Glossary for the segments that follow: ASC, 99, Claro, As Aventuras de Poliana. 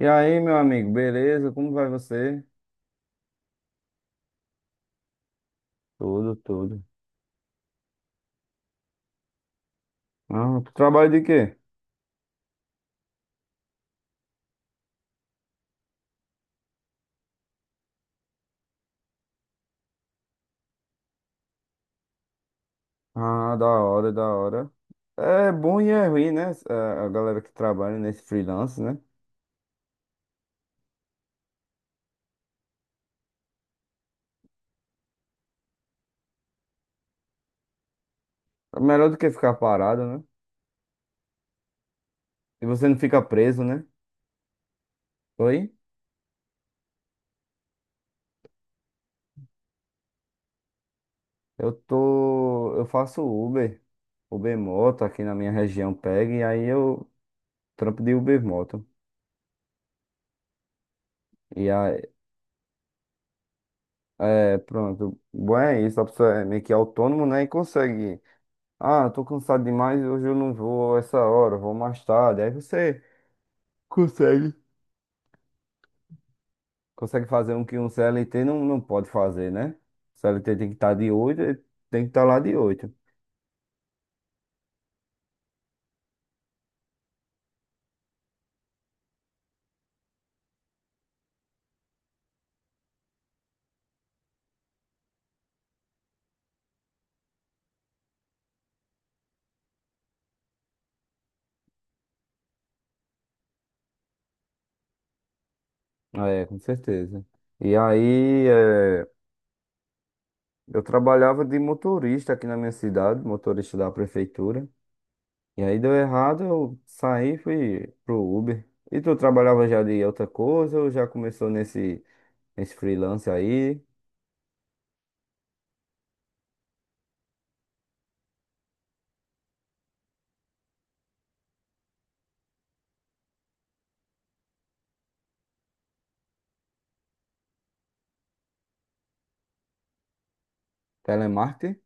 E aí, meu amigo, beleza? Como vai você? Tudo, tudo. Ah, tu trabalha de quê? Ah, da hora, da hora. É bom e é ruim, né? A galera que trabalha nesse freelance, né? É melhor do que ficar parado, né? E você não fica preso, né? Oi? Eu tô. Eu faço Uber, Uber Moto aqui na minha região pega, e aí eu trampo de Uber Moto. E aí, é, pronto. Bom é isso, a pessoa é meio que autônomo, né? E consegue. Ah, tô cansado demais, hoje eu não vou a essa hora, eu vou mais tarde. Aí você consegue. Consegue fazer um que um CLT não, não pode fazer, né? CLT tem que estar de oito, tem que estar lá de 8. É, com certeza. E aí, é, eu trabalhava de motorista aqui na minha cidade, motorista da prefeitura. E aí deu errado, eu saí e fui pro Uber. E tu trabalhava já de outra coisa ou já começou nesse freelance aí, telemarketing?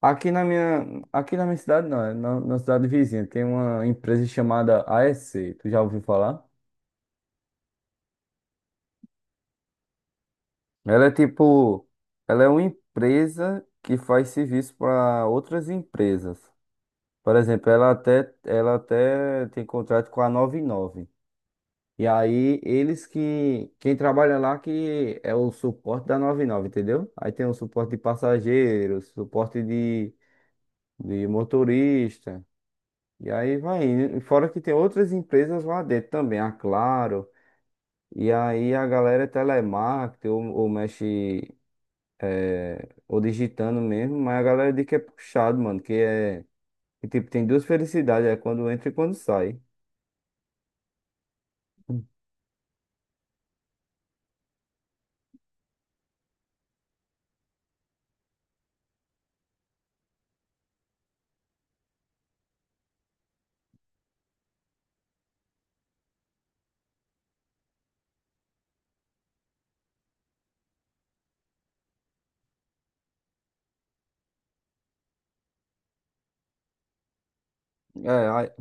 Aqui na minha cidade, não, é na, na cidade vizinha, tem uma empresa chamada ASC. Tu já ouviu falar? Ela é tipo, ela é uma empresa que faz serviço para outras empresas. Por exemplo, ela até tem contrato com a 99. E nove e aí eles que, quem trabalha lá que é o suporte da noventa e nove, entendeu? Aí tem o suporte de passageiros, suporte de motorista. E aí vai indo. E fora que tem outras empresas lá dentro também, a Claro. E aí a galera é telemarketing ou mexe, é, ou digitando mesmo, mas a galera diz que é puxado, mano, que é. Que, tipo, tem duas felicidades, é quando entra e quando sai. É, aí-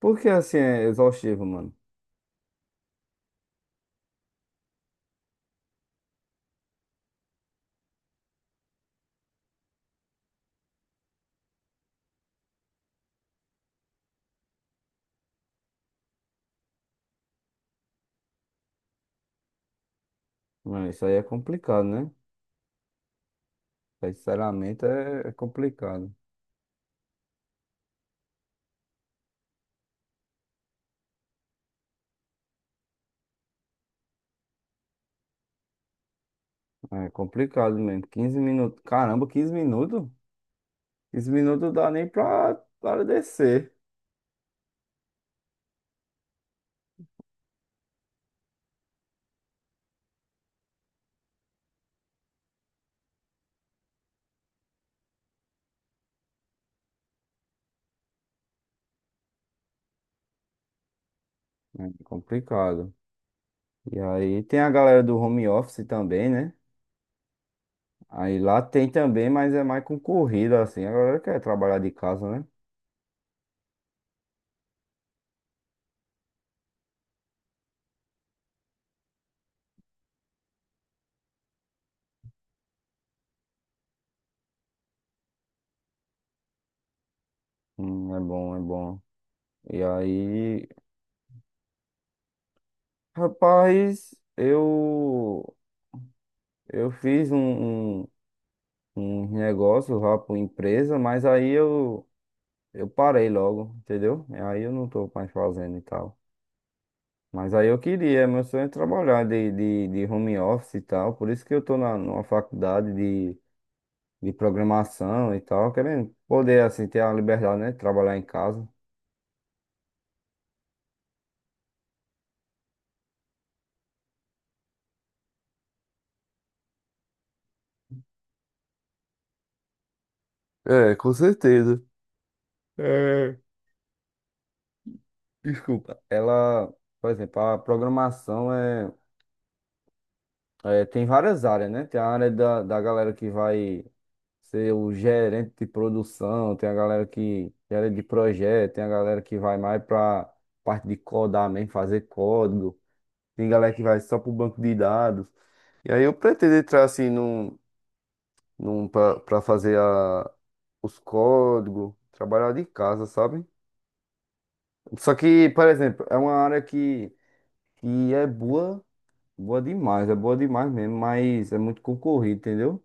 porque assim é exaustivo, mano. Não, isso aí é complicado, né? Sinceramente é complicado. É complicado mesmo. Quinze minutos. Caramba, 15 minutos? Quinze minutos dá nem pra, para descer. É complicado. E aí tem a galera do home office também, né? Aí lá tem também, mas é mais concorrido, assim. A galera quer trabalhar de casa, né? É bom, é bom. E aí, rapaz, eu, eu fiz um, um, um negócio lá pra empresa, mas aí eu parei logo, entendeu? E aí eu não tô mais fazendo e tal. Mas aí eu queria, meu sonho é trabalhar de home office e tal. Por isso que eu tô na, numa faculdade de programação e tal, querendo poder, assim, ter a liberdade, né? De trabalhar em casa. É, com certeza. É, desculpa. Ela, por exemplo, a programação é, é- tem várias áreas, né? Tem a área da, da galera que vai ser o gerente de produção, tem a galera que gera de projeto, tem a galera que vai mais para parte de codar mesmo, fazer código, tem galera que vai só para o banco de dados. E aí eu pretendo entrar assim num, num para fazer a os códigos, trabalhar de casa, sabe? Só que, por exemplo, é uma área que é boa, é boa demais mesmo, mas é muito concorrido, entendeu?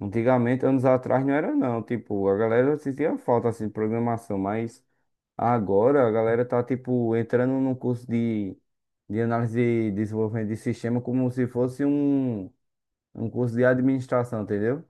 Antigamente, anos atrás, não era não, tipo, a galera sentia falta, assim, de programação, mas agora a galera tá, tipo, entrando num curso de análise e desenvolvimento de sistema como se fosse um, um curso de administração, entendeu?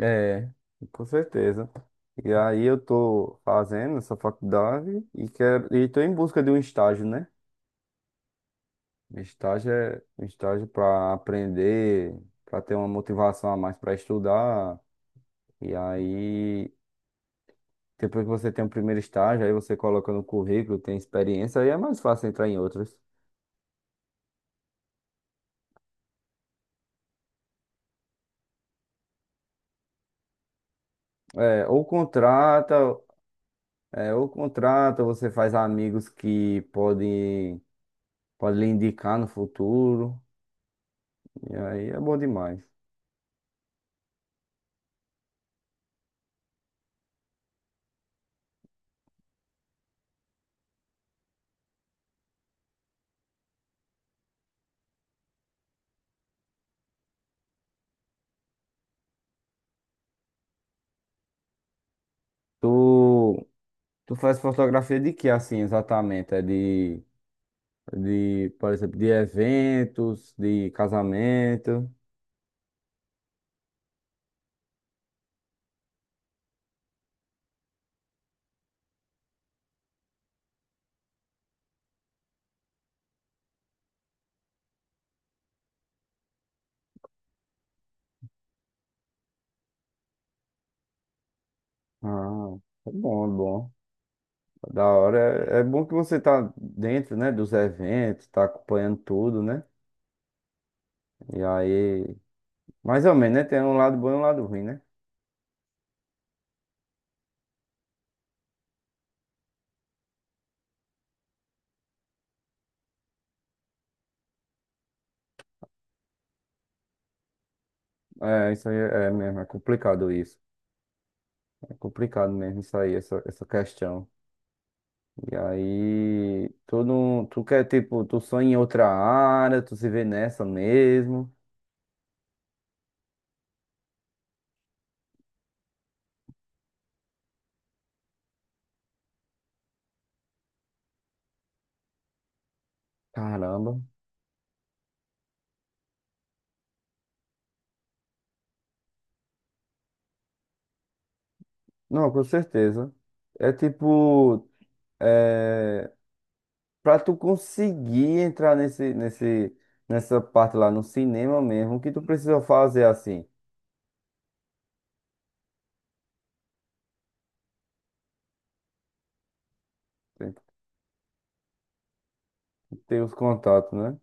É, com certeza. E aí eu tô fazendo essa faculdade e quero e tô em busca de um estágio, né? Um estágio é um estágio para aprender, para ter uma motivação a mais para estudar. E aí depois que você tem o primeiro estágio, aí você coloca no currículo, tem experiência, aí é mais fácil entrar em outros. É, ou contrata, você faz amigos que podem, podem lhe indicar no futuro. E aí é bom demais. Tu, tu faz fotografia de que assim exatamente? É de, por exemplo, de eventos, de casamento. Ah, é bom, é bom. Da hora. É, é bom que você tá dentro, né, dos eventos, tá acompanhando tudo, né? E aí, mais ou menos, né? Tem um lado bom e um lado ruim, né? É, isso aí é mesmo, é complicado isso. É complicado mesmo isso aí, essa questão. E aí, tu não, tu quer, tipo, tu sonha em outra área, tu se vê nessa mesmo. Caramba. Não, com certeza. É tipo, é, pra tu conseguir entrar nessa parte lá no cinema mesmo, o que tu precisa fazer assim? Tem que ter os contatos, né?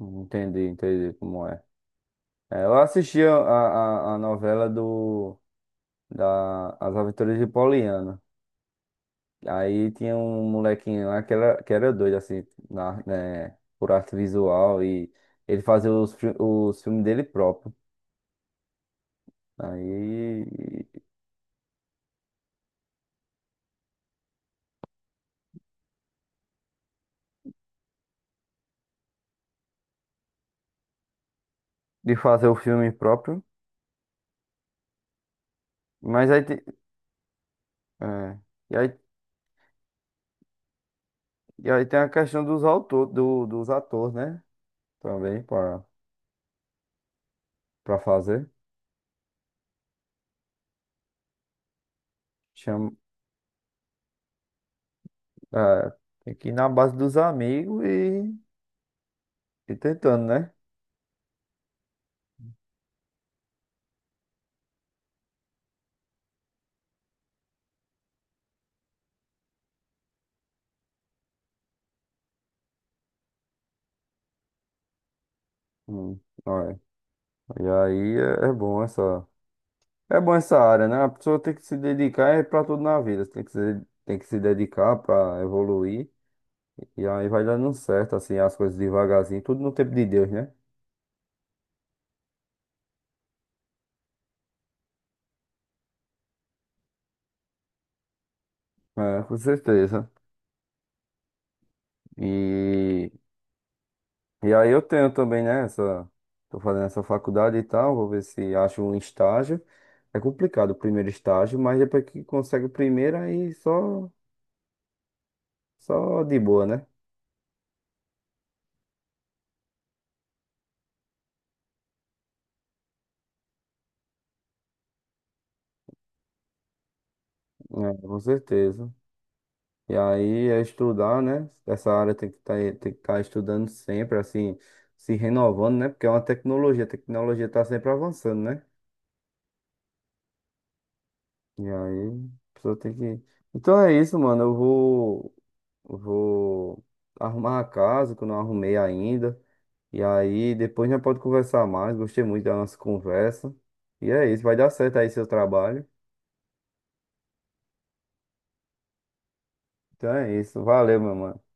Entendi, entendi como é. É, eu assisti a novela da As Aventuras de Poliana. Aí tinha um molequinho lá que era doido, assim, na, né, por arte visual e ele fazia os, os filmes dele próprio. Aí, de fazer o filme próprio. Mas aí, é, e aí, e aí tem a questão dos autores, do, dos atores, né? Também, para fazer. Chama, é, tem que ir na base dos amigos e tentando, né? Hum, olha. E aí é bom essa. É bom essa área, né? A pessoa tem que se dedicar é pra tudo na vida. Você tem que se dedicar pra evoluir. E aí vai dando certo, assim, as coisas devagarzinho. Tudo no tempo de Deus, né? É, com certeza. E, e aí eu tenho também, né? Essa, tô fazendo essa faculdade e tal. Vou ver se acho um estágio. É complicado o primeiro estágio, mas depois que consegue o primeiro, aí só, só de boa, né? É, com certeza. E aí é estudar, né? Essa área tem que tá, tem que estar estudando sempre, assim, se renovando, né? Porque é uma tecnologia, a tecnologia tá sempre avançando, né? E aí a pessoa tem que. Então é isso, mano. Eu vou, vou arrumar a casa que eu não arrumei ainda. E aí depois já pode conversar mais. Gostei muito da nossa conversa. E é isso, vai dar certo aí seu trabalho. Então é isso. Valeu, meu mano.